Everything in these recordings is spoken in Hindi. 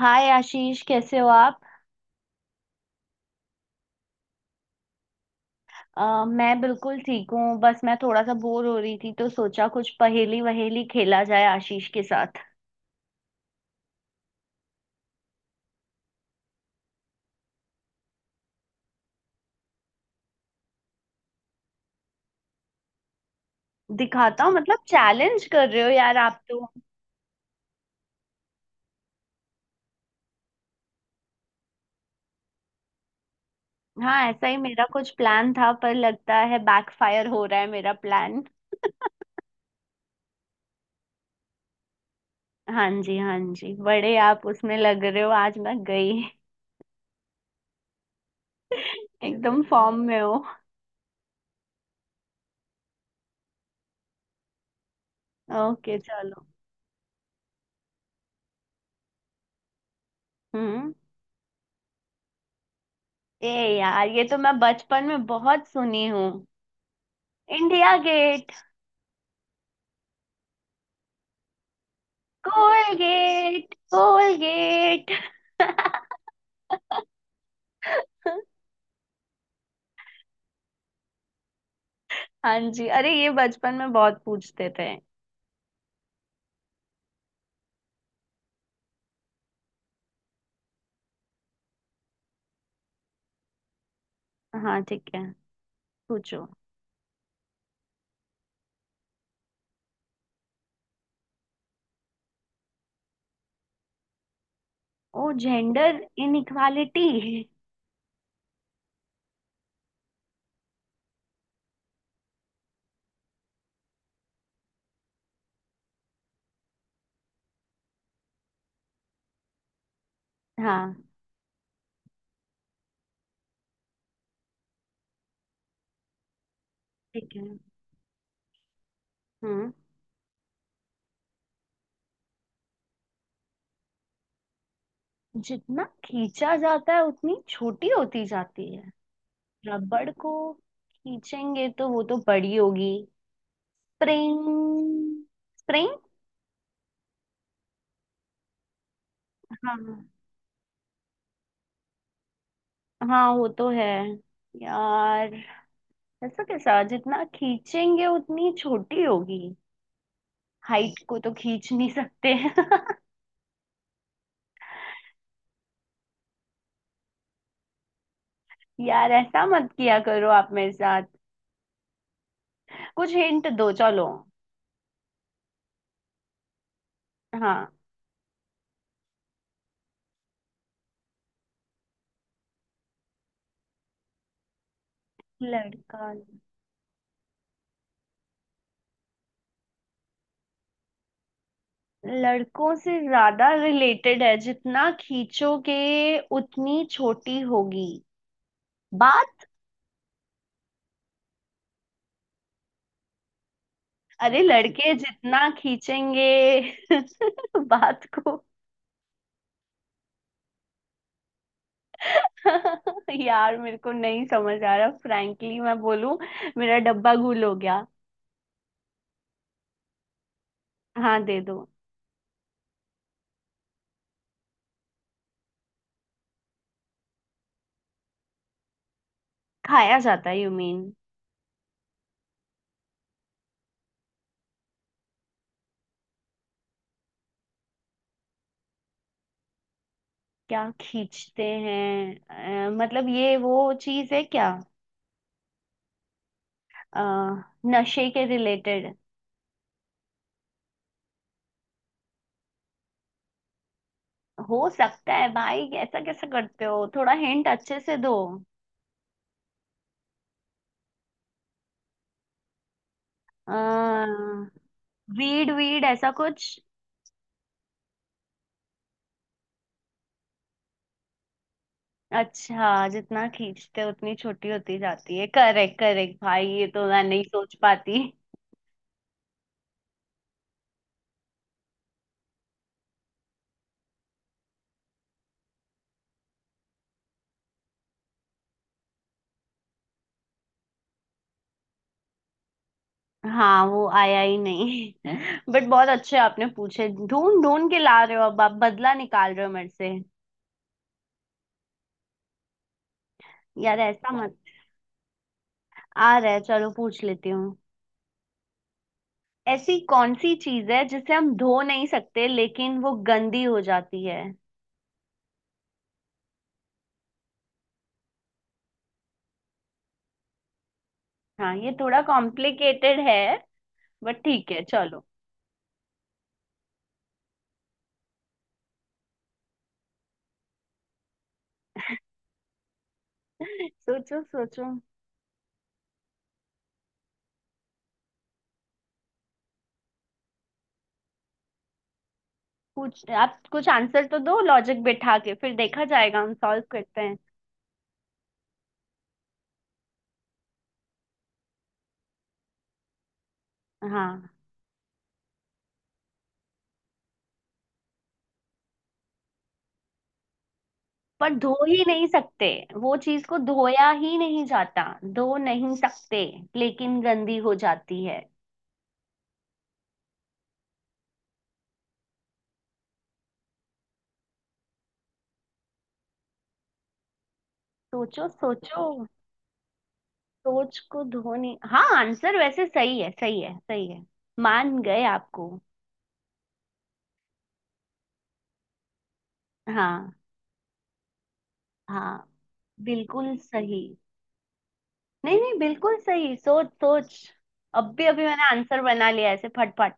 हाय आशीष कैसे हो आप। मैं बिल्कुल ठीक हूँ, बस मैं थोड़ा सा बोर हो रही थी तो सोचा कुछ पहेली वहेली खेला जाए आशीष के साथ। दिखाता हूँ मतलब चैलेंज कर रहे हो यार आप तो। हाँ ऐसा ही मेरा कुछ प्लान था, पर लगता है बैकफायर हो रहा है मेरा प्लान। हाँ जी, हाँ जी, बड़े आप उसमें लग रहे हो आज, मैं गई। एकदम फॉर्म में हो। ओके चलो। हम्म। ए। यार ये तो मैं बचपन में बहुत सुनी हूँ। India Gate. Colgate Colgate. हाँ जी, अरे ये बचपन में बहुत पूछते थे। हाँ ठीक है। पूछो। ओ जेंडर इनइक्वालिटी। हाँ ठीक है। हम्म। जितना खींचा जाता है उतनी छोटी होती जाती है। रबड़ को खींचेंगे तो वो तो बड़ी होगी। स्प्रिंग। स्प्रिंग। हाँ। हाँ वो तो है। यार ऐसा कैसा, जितना खींचेंगे उतनी छोटी होगी। हाइट को तो खींच नहीं सकते यार ऐसा मत किया करो आप मेरे साथ। कुछ हिंट दो चलो। हाँ। लड़का। लड़कों से ज्यादा रिलेटेड है, जितना खींचोगे उतनी छोटी होगी। बात। अरे लड़के जितना खींचेंगे बात को। यार मेरे को नहीं समझ आ रहा, फ्रैंकली मैं बोलूं, मेरा डब्बा गुल हो गया। हाँ दे दो। खाया जाता है यू मीन। क्या खींचते हैं? मतलब ये वो चीज है क्या? अ, नशे के रिलेटेड। हो सकता है भाई, ऐसा कैसे करते हो, थोड़ा हिंट अच्छे से दो। अ, वीड, वीड ऐसा कुछ। अच्छा, जितना खींचते उतनी छोटी होती जाती है। करेक्ट करेक्ट, भाई ये तो मैं नहीं सोच पाती। हाँ वो आया ही नहीं बट बहुत अच्छे आपने पूछे, ढूंढ ढूंढ के ला रहे हो, अब आप बदला निकाल रहे हो मेरे से। यार ऐसा मत। आ रहा है, चलो पूछ लेती हूँ। ऐसी कौन सी चीज है जिसे हम धो नहीं सकते लेकिन वो गंदी हो जाती है? हाँ ये थोड़ा कॉम्प्लिकेटेड है, बट ठीक है चलो। सोचो, सोचो। कुछ आप कुछ आंसर तो दो, लॉजिक बिठा के फिर देखा जाएगा, हम सॉल्व करते हैं। हाँ। पर धो ही नहीं सकते। वो चीज को धोया ही नहीं जाता। धो नहीं सकते लेकिन गंदी हो जाती है। सोचो, सोचो। सोच को धोने, हाँ आंसर वैसे सही है, सही है, सही है। मान गए आपको। हाँ। हाँ, बिल्कुल सही। नहीं नहीं, बिल्कुल सही, सोच, सोच। अभी अभी मैंने आंसर बना लिया ऐसे फटफट।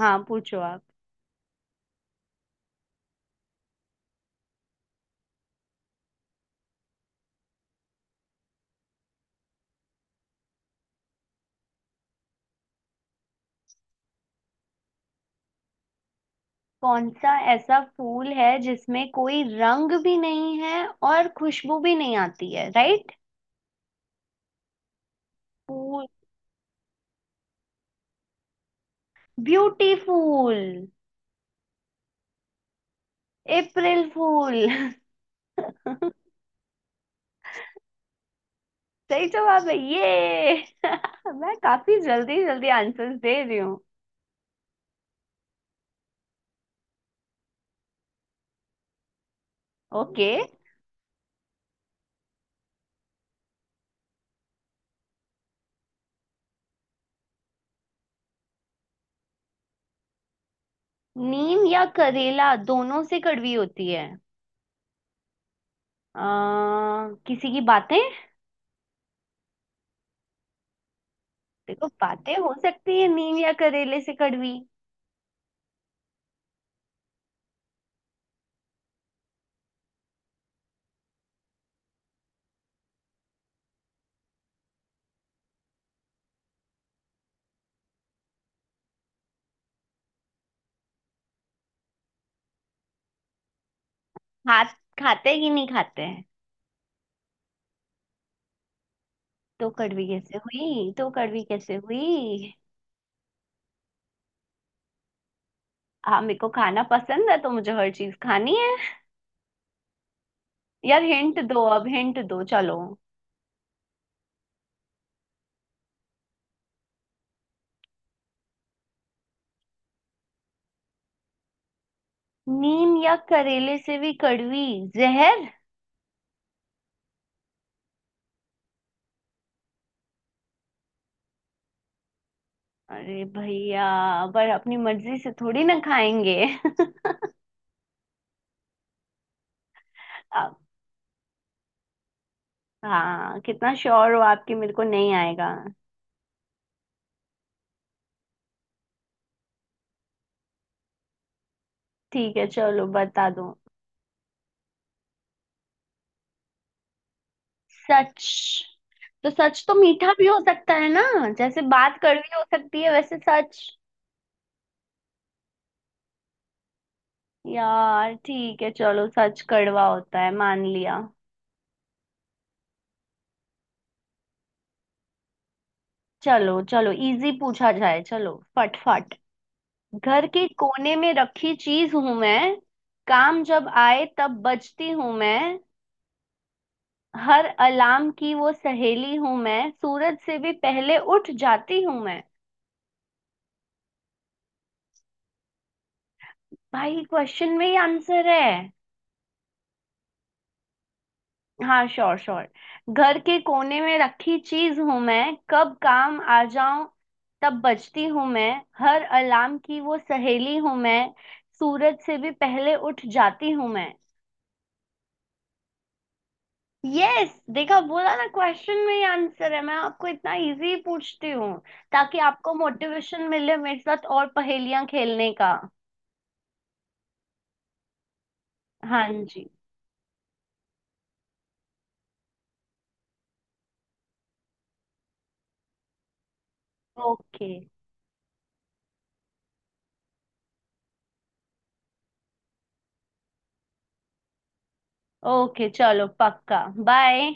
हाँ पूछो आप। कौन सा ऐसा फूल है जिसमें कोई रंग भी नहीं है और खुशबू भी नहीं आती है, राइट? फूल। ब्यूटीफुल। अप्रैल फूल। सही जवाब है ये। मैं काफी जल्दी जल्दी आंसर्स दे रही। ओके। नीम या करेला दोनों से कड़वी होती है? किसी की बातें। देखो बातें हो सकती है नीम या करेले से कड़वी। हाथ। खाते कि नहीं खाते हैं? तो कड़वी कैसे हुई, तो कड़वी कैसे हुई? हाँ मेरे को खाना पसंद है तो मुझे हर चीज खानी है। यार हिंट दो, अब हिंट दो चलो। नीम या करेले से भी कड़वी। जहर। अरे भैया, पर अपनी मर्जी से थोड़ी ना खाएंगे आप। हाँ कितना श्योर हो आपकी मेरे को नहीं आएगा? ठीक है चलो बता दो। सच? तो सच तो मीठा भी हो सकता है ना। जैसे बात कड़वी हो सकती है वैसे सच। यार ठीक है चलो, सच कड़वा होता है मान लिया। चलो चलो इजी पूछा जाए, चलो फटफट। घर के कोने में रखी चीज हूं मैं, काम जब आए तब बजती हूं मैं, हर अलार्म की वो सहेली हूं मैं, सूरज से भी पहले उठ जाती हूं मैं। भाई क्वेश्चन में ही आंसर है। हाँ श्योर श्योर। घर के कोने में रखी चीज हूं मैं, कब काम आ जाऊं तब बजती हूं मैं, हर अलार्म की वो सहेली हूं मैं, सूरज से भी पहले उठ जाती हूं मैं। यस, देखा बोला ना क्वेश्चन में ही आंसर है, मैं आपको इतना इजी पूछती हूँ ताकि आपको मोटिवेशन मिले मेरे साथ और पहेलियां खेलने का। हाँ जी। ओके। ओके चलो पक्का। बाय।